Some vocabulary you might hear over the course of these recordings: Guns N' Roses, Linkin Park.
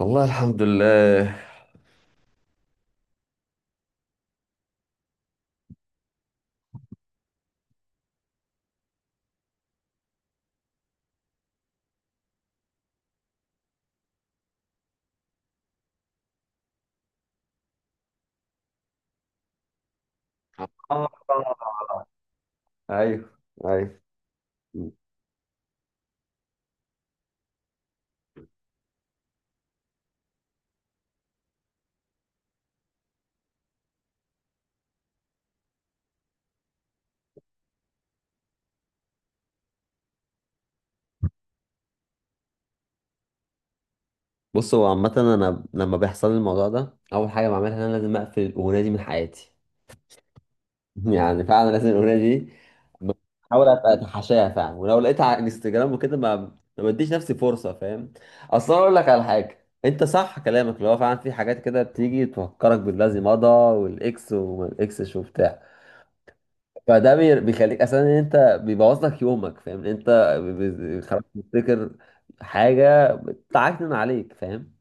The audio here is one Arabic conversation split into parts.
والله الحمد لله. آه. ايوه، ايوه. بص، هو عامة انا لما بيحصل لي الموضوع ده اول حاجة بعملها ان انا لازم اقفل الاغنية دي من حياتي. يعني فعلا لازم الاغنية دي بحاول ابقى اتحاشاها فعلا، ولو لقيتها على انستجرام وكده ما بديش نفسي فرصة. فاهم؟ اصلا اقول لك على حاجة، انت صح كلامك، اللي هو فعلا في حاجات كده بتيجي تفكرك بالذي مضى والاكس وما الاكسش وبتاع. فده بيخليك اساسا ان انت بيبوظ لك يومك، فاهم؟ إن انت ب- خلاص بتفتكر حاجه بتعكنن عليك، فاهم؟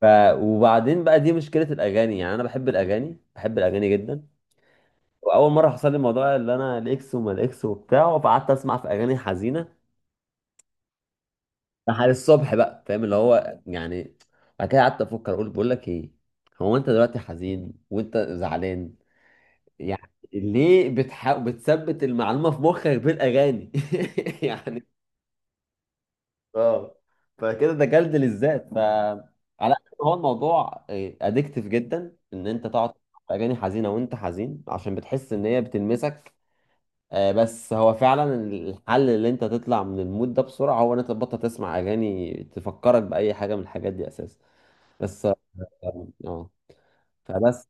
ف وبعدين بقى دي مشكله الاغاني. يعني انا بحب الاغاني، بحب الاغاني جدا. واول مره حصل لي الموضوع اللي انا الاكس وما الاكس وبتاع، فقعدت اسمع في اغاني حزينه لحد الصبح بقى، فاهم؟ اللي هو يعني بعد كده قعدت افكر، اقول بقول لك ايه، هو انت دلوقتي حزين وانت زعلان، يعني ليه بتحاول بتثبت المعلومه في مخك بالاغاني؟ يعني اه. فكده ده جلد للذات. على قد ما هو الموضوع ادكتيف جدا ان انت تقعد تسمع اغاني حزينه وانت حزين عشان بتحس ان هي بتلمسك. آه، بس هو فعلا الحل اللي انت تطلع من المود ده بسرعه هو ان انت تبطل تسمع اغاني تفكرك باي حاجه من الحاجات دي اساسا. بس اه. آه. فبس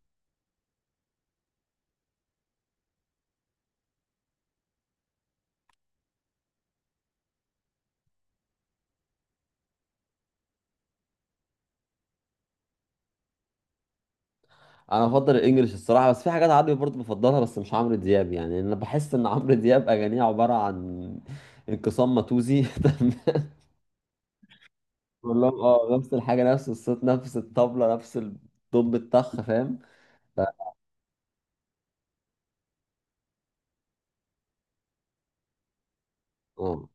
انا بفضل الانجليش الصراحه، بس في حاجات عربي برضه بفضلها، بس مش عمرو دياب. يعني انا بحس ان عمرو دياب اغانيه عباره عن انقسام ماتوزي تمام؟ كلهم اه نفس الحاجة، نفس الصوت، نفس الطبلة، نفس الدب الطخ، فاهم؟ ف... اه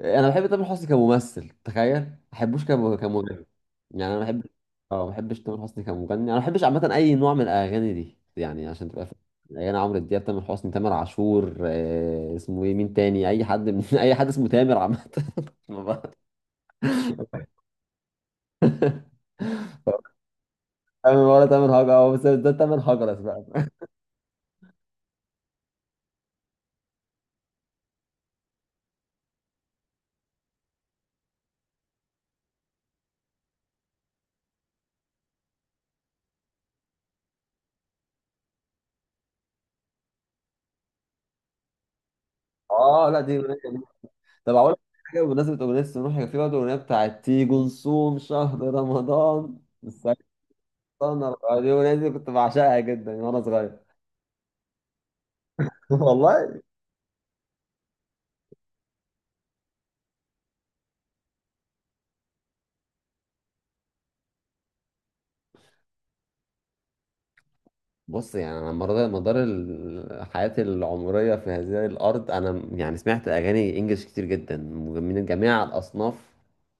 انا بحب تامر حسني كممثل، تخيل، ما بحبوش كمغني. يعني انا ما بحبش. اه ما بحبش تامر حسني كمغني، انا ما بحبش عامة اي نوع من الاغاني دي. يعني عشان تبقى فاهم، اغاني عمرو دياب، تامر حسني، تامر عاشور، اسمه ايه، مين تاني؟ اي حد من... اي حد اسمه تامر عامة. ما بقى- تامر ولا تامر هجرة، بس ده تامر هجرة بقى. اه لا، دي أغنية. طب اقول لك حاجه بمناسبه اغنيه سنوح، كان في برضه اغنيه بتاعت تيجي نصوم شهر رمضان، السلطنه. دي الاغنيه دي كنت بعشقها جدا وانا صغير. والله. بص، يعني على مدار حياتي العمريه في هذه الارض، انا يعني سمعت اغاني انجلش كتير جدا من جميع الاصناف.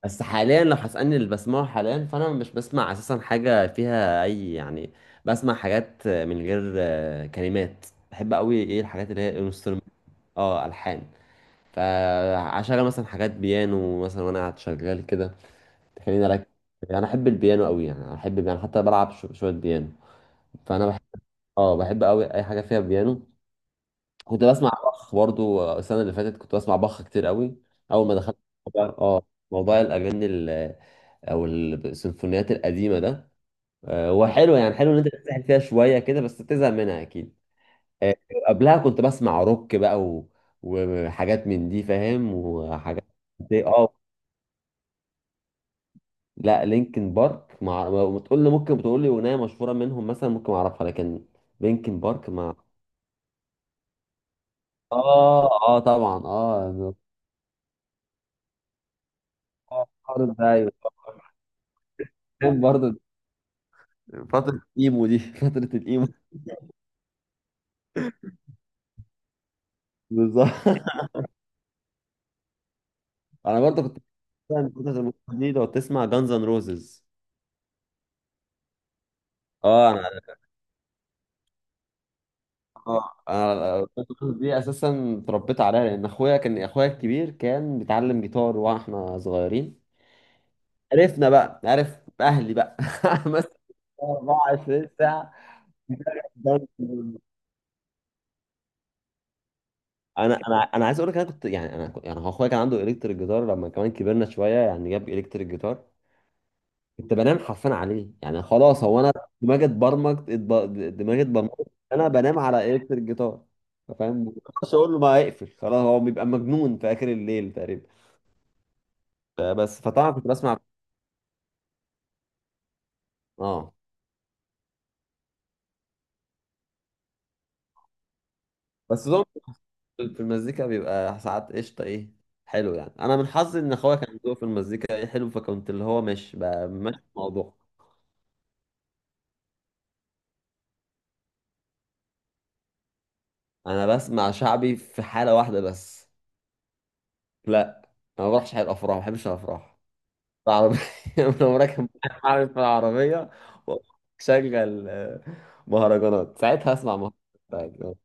بس حاليا لو هتسالني اللي بسمعه حاليا، فانا مش بسمع اساسا حاجه فيها اي يعني. بسمع حاجات من غير كلمات. بحب قوي، ايه، الحاجات اللي هي انسترومنت. اه الحان. فعشان مثلا حاجات بيانو مثلا، وانا قاعد شغال كده، تخليني اركز. يعني انا احب البيانو قوي، يعني أنا احب، يعني، حتى بلعب شويه بيانو. فانا بحب، اه بحب قوي اي حاجه فيها بيانو. كنت بسمع بخ برضو. السنه اللي فاتت كنت بسمع بخ كتير قوي. اول ما دخلت موضوع- اه موضوع الاغاني او السيمفونيات القديمه ده، هو حلو، يعني حلو ان انت تسحل فيها شويه كده، بس بتزهق منها اكيد. آه، قبلها كنت بسمع روك بقى و... وحاجات من دي، فاهم؟ وحاجات. اه لا، لينكن بارك، مع ما تقول لي، ممكن بتقول لي اغنيه مشهوره منهم مثلا ممكن اعرفها، لكن لينكن بارك. مع، اه، اه طبعا اه. آه، عارف ده، ايوه. كان برضه فتره الايمو دي فتره الايمو، بالظبط. انا برضه كنت فتره الإيمو دي. لو تسمع جانز ان روزز، اه. انا Guns N' Roses دي اساسا اتربيت عليها، لان اخويا الكبير كان بيتعلم جيتار واحنا صغيرين. عرفنا بقى، عرف اهلي بقى مثلا 24 ساعه. انا عايز اقول لك، انا كنت يعني يعني هو اخويا كان عنده الكتريك جيتار. لما كمان كبرنا شويه يعني جاب الكتريك جيتار، كنت بنام حرفيا عليه. يعني خلاص هو انا دماغي اتبرمجت. دماغي اتبرمجت. انا بنام على الكتريك جيتار، فاهم؟ ما اقدرش اقول له ما يقفل. خلاص هو بيبقى مجنون في اخر الليل تقريبا. فبس. فطبعا كنت بسمع، اه بس طبعا في المزيكا بيبقى ساعات قشطة. ايه، حلو، يعني انا من حظي ان اخويا كان ذوقه في المزيكا ايه حلو، فكنت اللي هو مش ماشي في الموضوع. انا بسمع شعبي في حالة واحدة بس. لا، انا ما بروحش حي الافراح، ما بحبش الافراح. في العربية. انا راكب. معايا في العربية وشغل مهرجانات ساعتها اسمع. مهرجانات.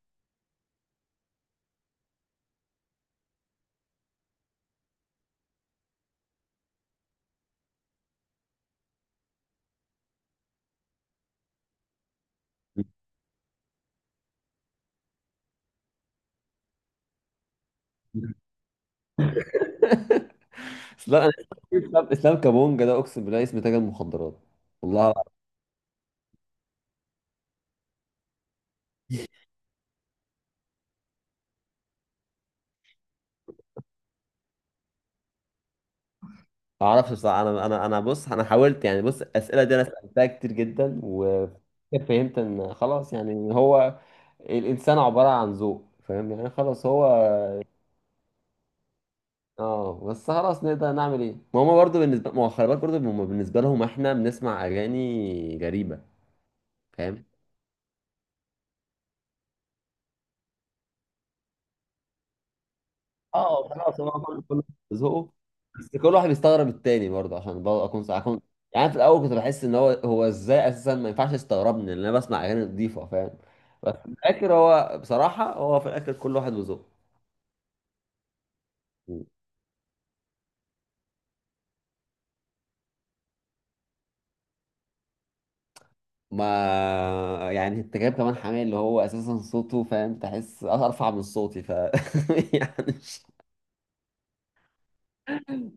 لا، انا اسلام كابونجا ده اقسم بالله اسم تاجر مخدرات. والله. ما اعرفش بصراحه. انا انا بص، انا حاولت يعني. بص الاسئله دي انا سالتها كتير جدا، وفهمت ان خلاص يعني إن هو الانسان عباره عن ذوق، فاهم؟ يعني خلاص هو، اه بس خلاص نقدر نعمل ايه؟ ما هما برضه بالنسبه، ما هو خلي بالك برضه، هما بالنسبه لهم احنا بنسمع اغاني غريبه، فاهم؟ اه. خلاص هو كله كله ذوقه. بس كل واحد بيستغرب التاني برضه. عشان برضه اكون صح، اكون، يعني أنا في الاول كنت بحس ان هو ازاي اساسا ما ينفعش يستغربني، لان انا بسمع اغاني نظيفه، فاهم؟ بس في الاخر هو بصراحه، هو في الاخر كل واحد وذوقه. ما يعني انت جايب كمان حماية اللي هو اساسا صوته، فاهم؟ تحس ارفع من صوتي. يعني مش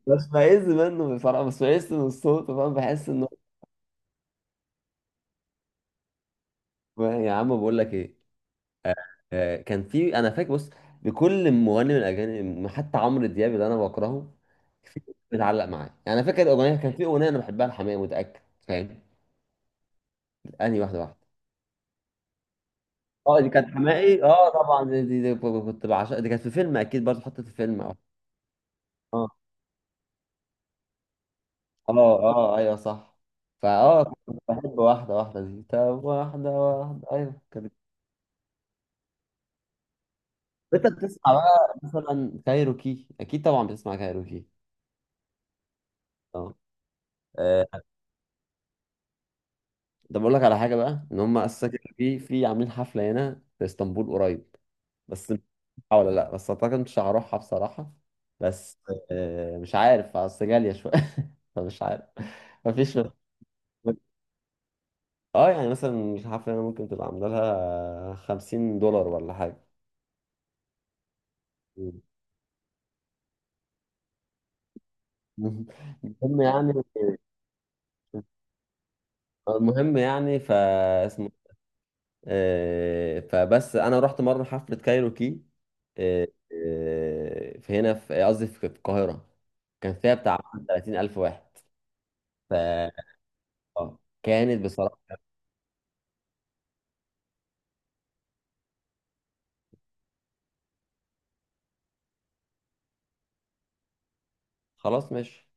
بستفز منه بصراحه، بس بستفز من صوته، فاهم؟ بحس انه. يا عم، بقول لك ايه، كان في، انا فاكر، بص، لكل مغني من الاجانب حتى عمرو دياب اللي انا بكرهه في بتعلق معاه. يعني انا فاكر اغنيه، كان في اغنيه انا بحبها لحماقي متاكد، فاهم؟ انهي واحده واحده. اه، دي كانت حماقي، اه طبعا، دي كنت بعشقها. دي كانت في فيلم اكيد، برضه حطت في فيلم. اه اه اه، آه، ايوه صح. فاه، كنت بحب واحده واحده دي. طب واحده واحده، ايوه كانت. انت بتسمع بقى مثلا كايروكي، اكيد طبعا بتسمع كايروكي. اه آه، ده بقول لك على حاجه بقى ان هم اساسا كده في عاملين حفله هنا في اسطنبول قريب. بس مش عارف ولا لا، بس اعتقد مش هروحها بصراحه. بس مش عارف، اصل غاليه شويه. فمش عارف. مفيش. اه، يعني مثلا الحفله هنا ممكن تبقى عامله لها $50 ولا حاجه. مم. المهم يعني المهم يعني فاسمه. فبس انا رحت مره حفله كايروكي، آه، في هنا، في قصدي، في القاهره. كان فيها بتاع 30 الف واحد. ف آه، كانت بصراحه. خلاص ماشي